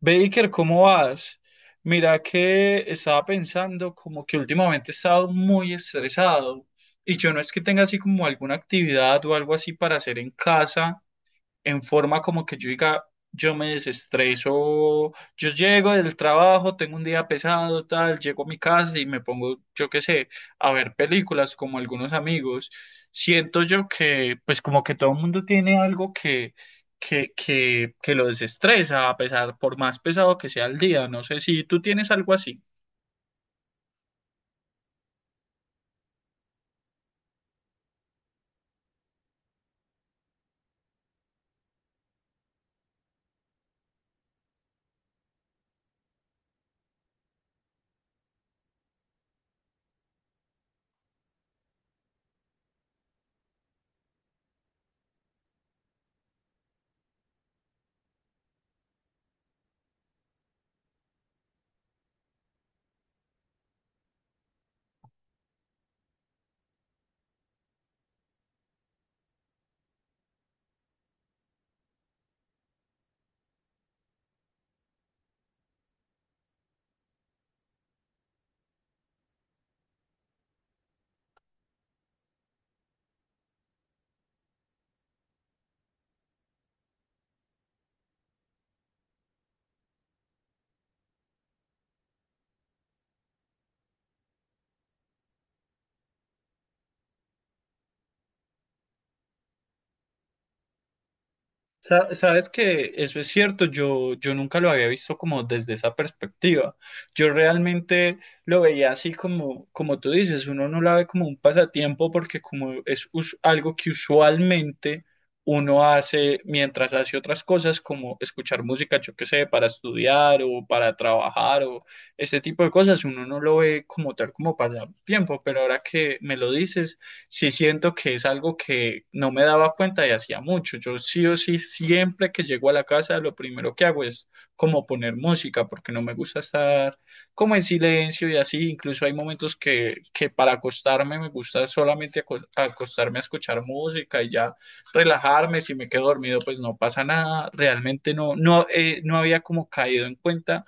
Baker, ¿cómo vas? Mira que estaba pensando como que últimamente he estado muy estresado y yo no es que tenga así como alguna actividad o algo así para hacer en casa en forma como que yo diga, yo me desestreso, yo llego del trabajo, tengo un día pesado, tal, llego a mi casa y me pongo, yo qué sé, a ver películas como algunos amigos. Siento yo que, pues como que todo el mundo tiene algo que lo desestresa, a pesar, por más pesado que sea el día. No sé si tú tienes algo así. Sabes que eso es cierto, yo nunca lo había visto como desde esa perspectiva. Yo realmente lo veía así como, como tú dices, uno no la ve como un pasatiempo porque como es algo que usualmente uno hace mientras hace otras cosas como escuchar música, yo qué sé, para estudiar o para trabajar o este tipo de cosas, uno no lo ve como tal como pasatiempo, pero ahora que me lo dices sí siento que es algo que no me daba cuenta y hacía mucho. Yo sí o sí, siempre que llego a la casa, lo primero que hago es como poner música, porque no me gusta estar como en silencio y así. Incluso hay momentos que para acostarme me gusta solamente acostarme a escuchar música y ya relajarme. Si me quedo dormido, pues no pasa nada. Realmente no había como caído en cuenta.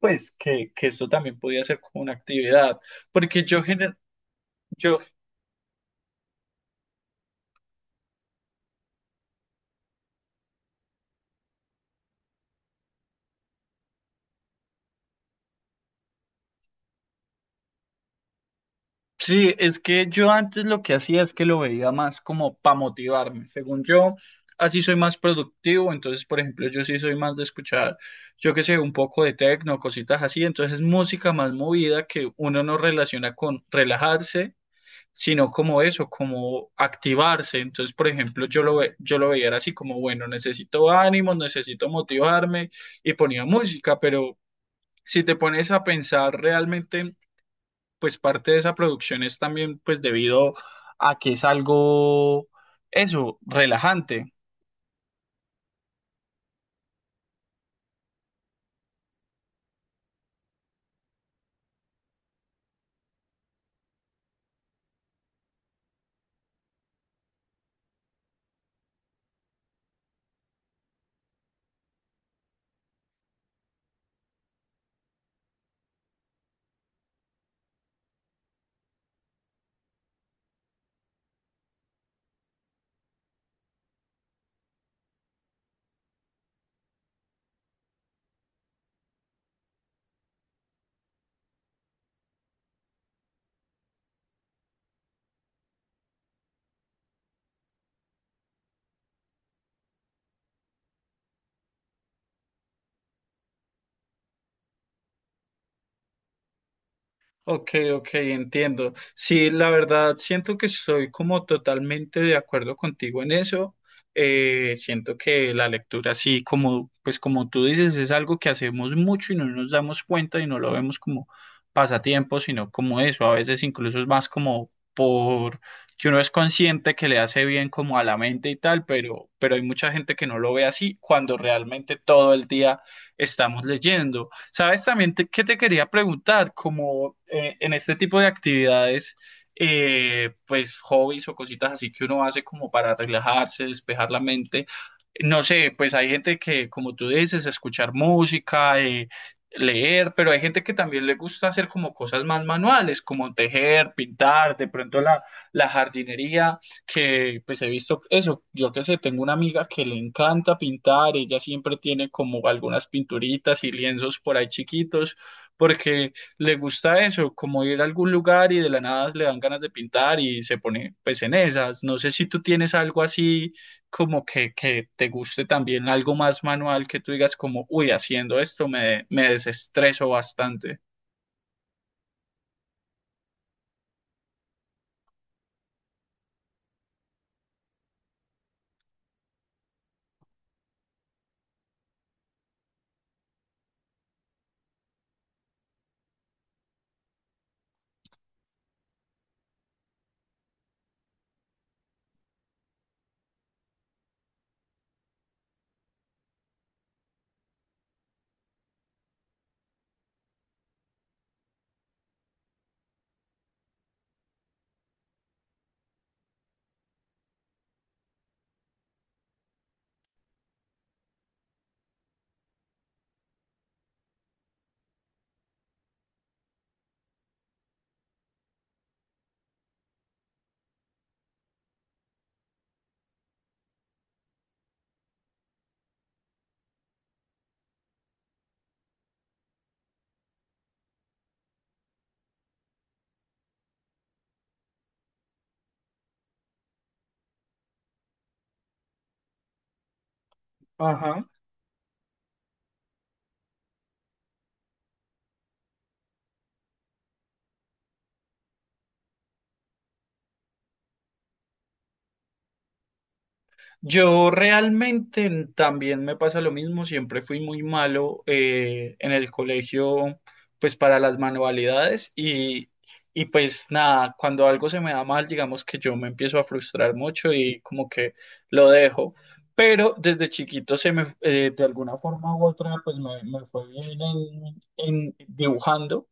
Pues que esto también podía ser como una actividad, porque yo, yo Sí, es que yo antes lo que hacía es que lo veía más como para motivarme. Según yo, así soy más productivo. Entonces, por ejemplo, yo sí soy más de escuchar, yo qué sé, un poco de techno, cositas así. Entonces, música más movida que uno no relaciona con relajarse, sino como eso, como activarse. Entonces, por ejemplo, yo lo veía era así como, bueno, necesito ánimos, necesito motivarme y ponía música, pero si te pones a pensar realmente pues parte de esa producción es también pues debido a que es algo, eso, relajante. Ok, ok, entiendo. Sí, la verdad, siento que soy como totalmente de acuerdo contigo en eso. Siento que la lectura, sí, como, pues como tú dices, es algo que hacemos mucho y no nos damos cuenta y no lo vemos como pasatiempo, sino como eso. A veces incluso es más como por que uno es consciente que le hace bien como a la mente y tal, pero hay mucha gente que no lo ve así cuando realmente todo el día estamos leyendo. ¿Sabes también qué te quería preguntar? Como en este tipo de actividades, pues hobbies o cositas así que uno hace como para relajarse, despejar la mente. No sé, pues hay gente que, como tú dices, escuchar música, leer, pero hay gente que también le gusta hacer como cosas más manuales, como tejer, pintar, de pronto la jardinería que pues he visto eso, yo qué sé, tengo una amiga que le encanta pintar, ella siempre tiene como algunas pinturitas y lienzos por ahí chiquitos, porque le gusta eso, como ir a algún lugar y de la nada le dan ganas de pintar y se pone pues en esas. No sé si tú tienes algo así como que te guste también, algo más manual que tú digas como, uy, haciendo esto me desestreso bastante. Ajá. Yo realmente también me pasa lo mismo, siempre fui muy malo en el colegio, pues para las manualidades y pues nada, cuando algo se me da mal, digamos que yo me empiezo a frustrar mucho y como que lo dejo, pero desde chiquito se me, de alguna forma u otra, pues me fue bien en dibujando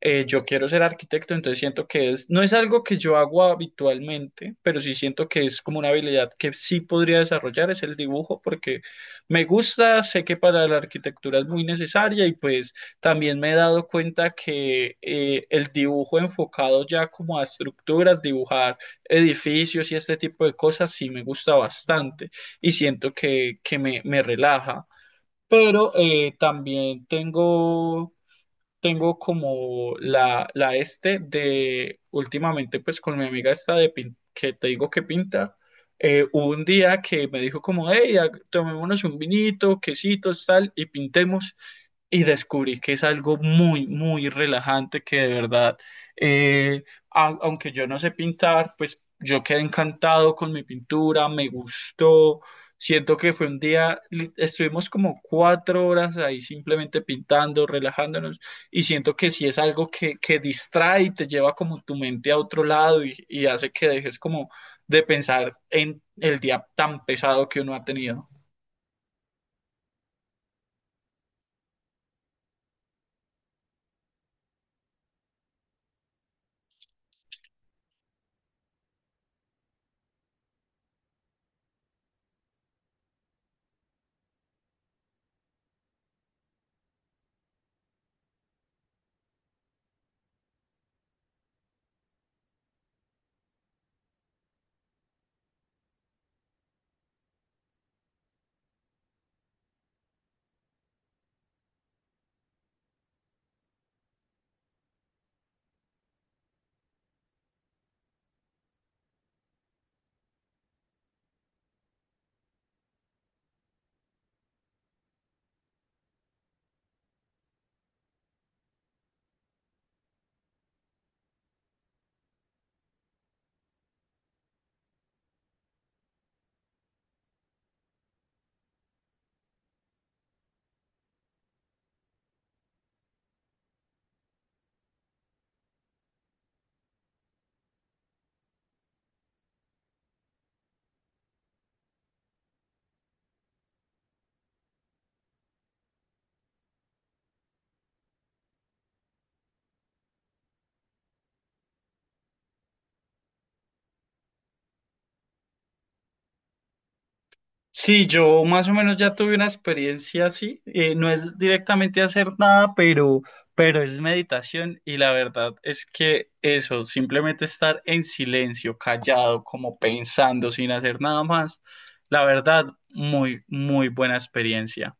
yo quiero ser arquitecto, entonces siento que es, no es algo que yo hago habitualmente, pero sí siento que es como una habilidad que sí podría desarrollar, es el dibujo, porque me gusta, sé que para la arquitectura es muy necesaria y pues también me he dado cuenta que el dibujo enfocado ya como a estructuras, dibujar edificios y este tipo de cosas sí me gusta bastante y siento que me relaja. Pero también tengo tengo como la este de últimamente pues con mi amiga esta de que te digo que pinta, hubo un día que me dijo como, hey, tomémonos un vinito, quesitos, tal, y pintemos y descubrí que es algo muy relajante que de verdad, eh, aunque yo no sé pintar, pues yo quedé encantado con mi pintura, me gustó. Siento que fue un día, estuvimos como 4 horas ahí simplemente pintando, relajándonos, y siento que sí es algo que distrae y te lleva como tu mente a otro lado y hace que dejes como de pensar en el día tan pesado que uno ha tenido. Sí, yo más o menos ya tuve una experiencia así. No es directamente hacer nada, pero es meditación y la verdad es que eso, simplemente estar en silencio, callado, como pensando, sin hacer nada más, la verdad, muy buena experiencia.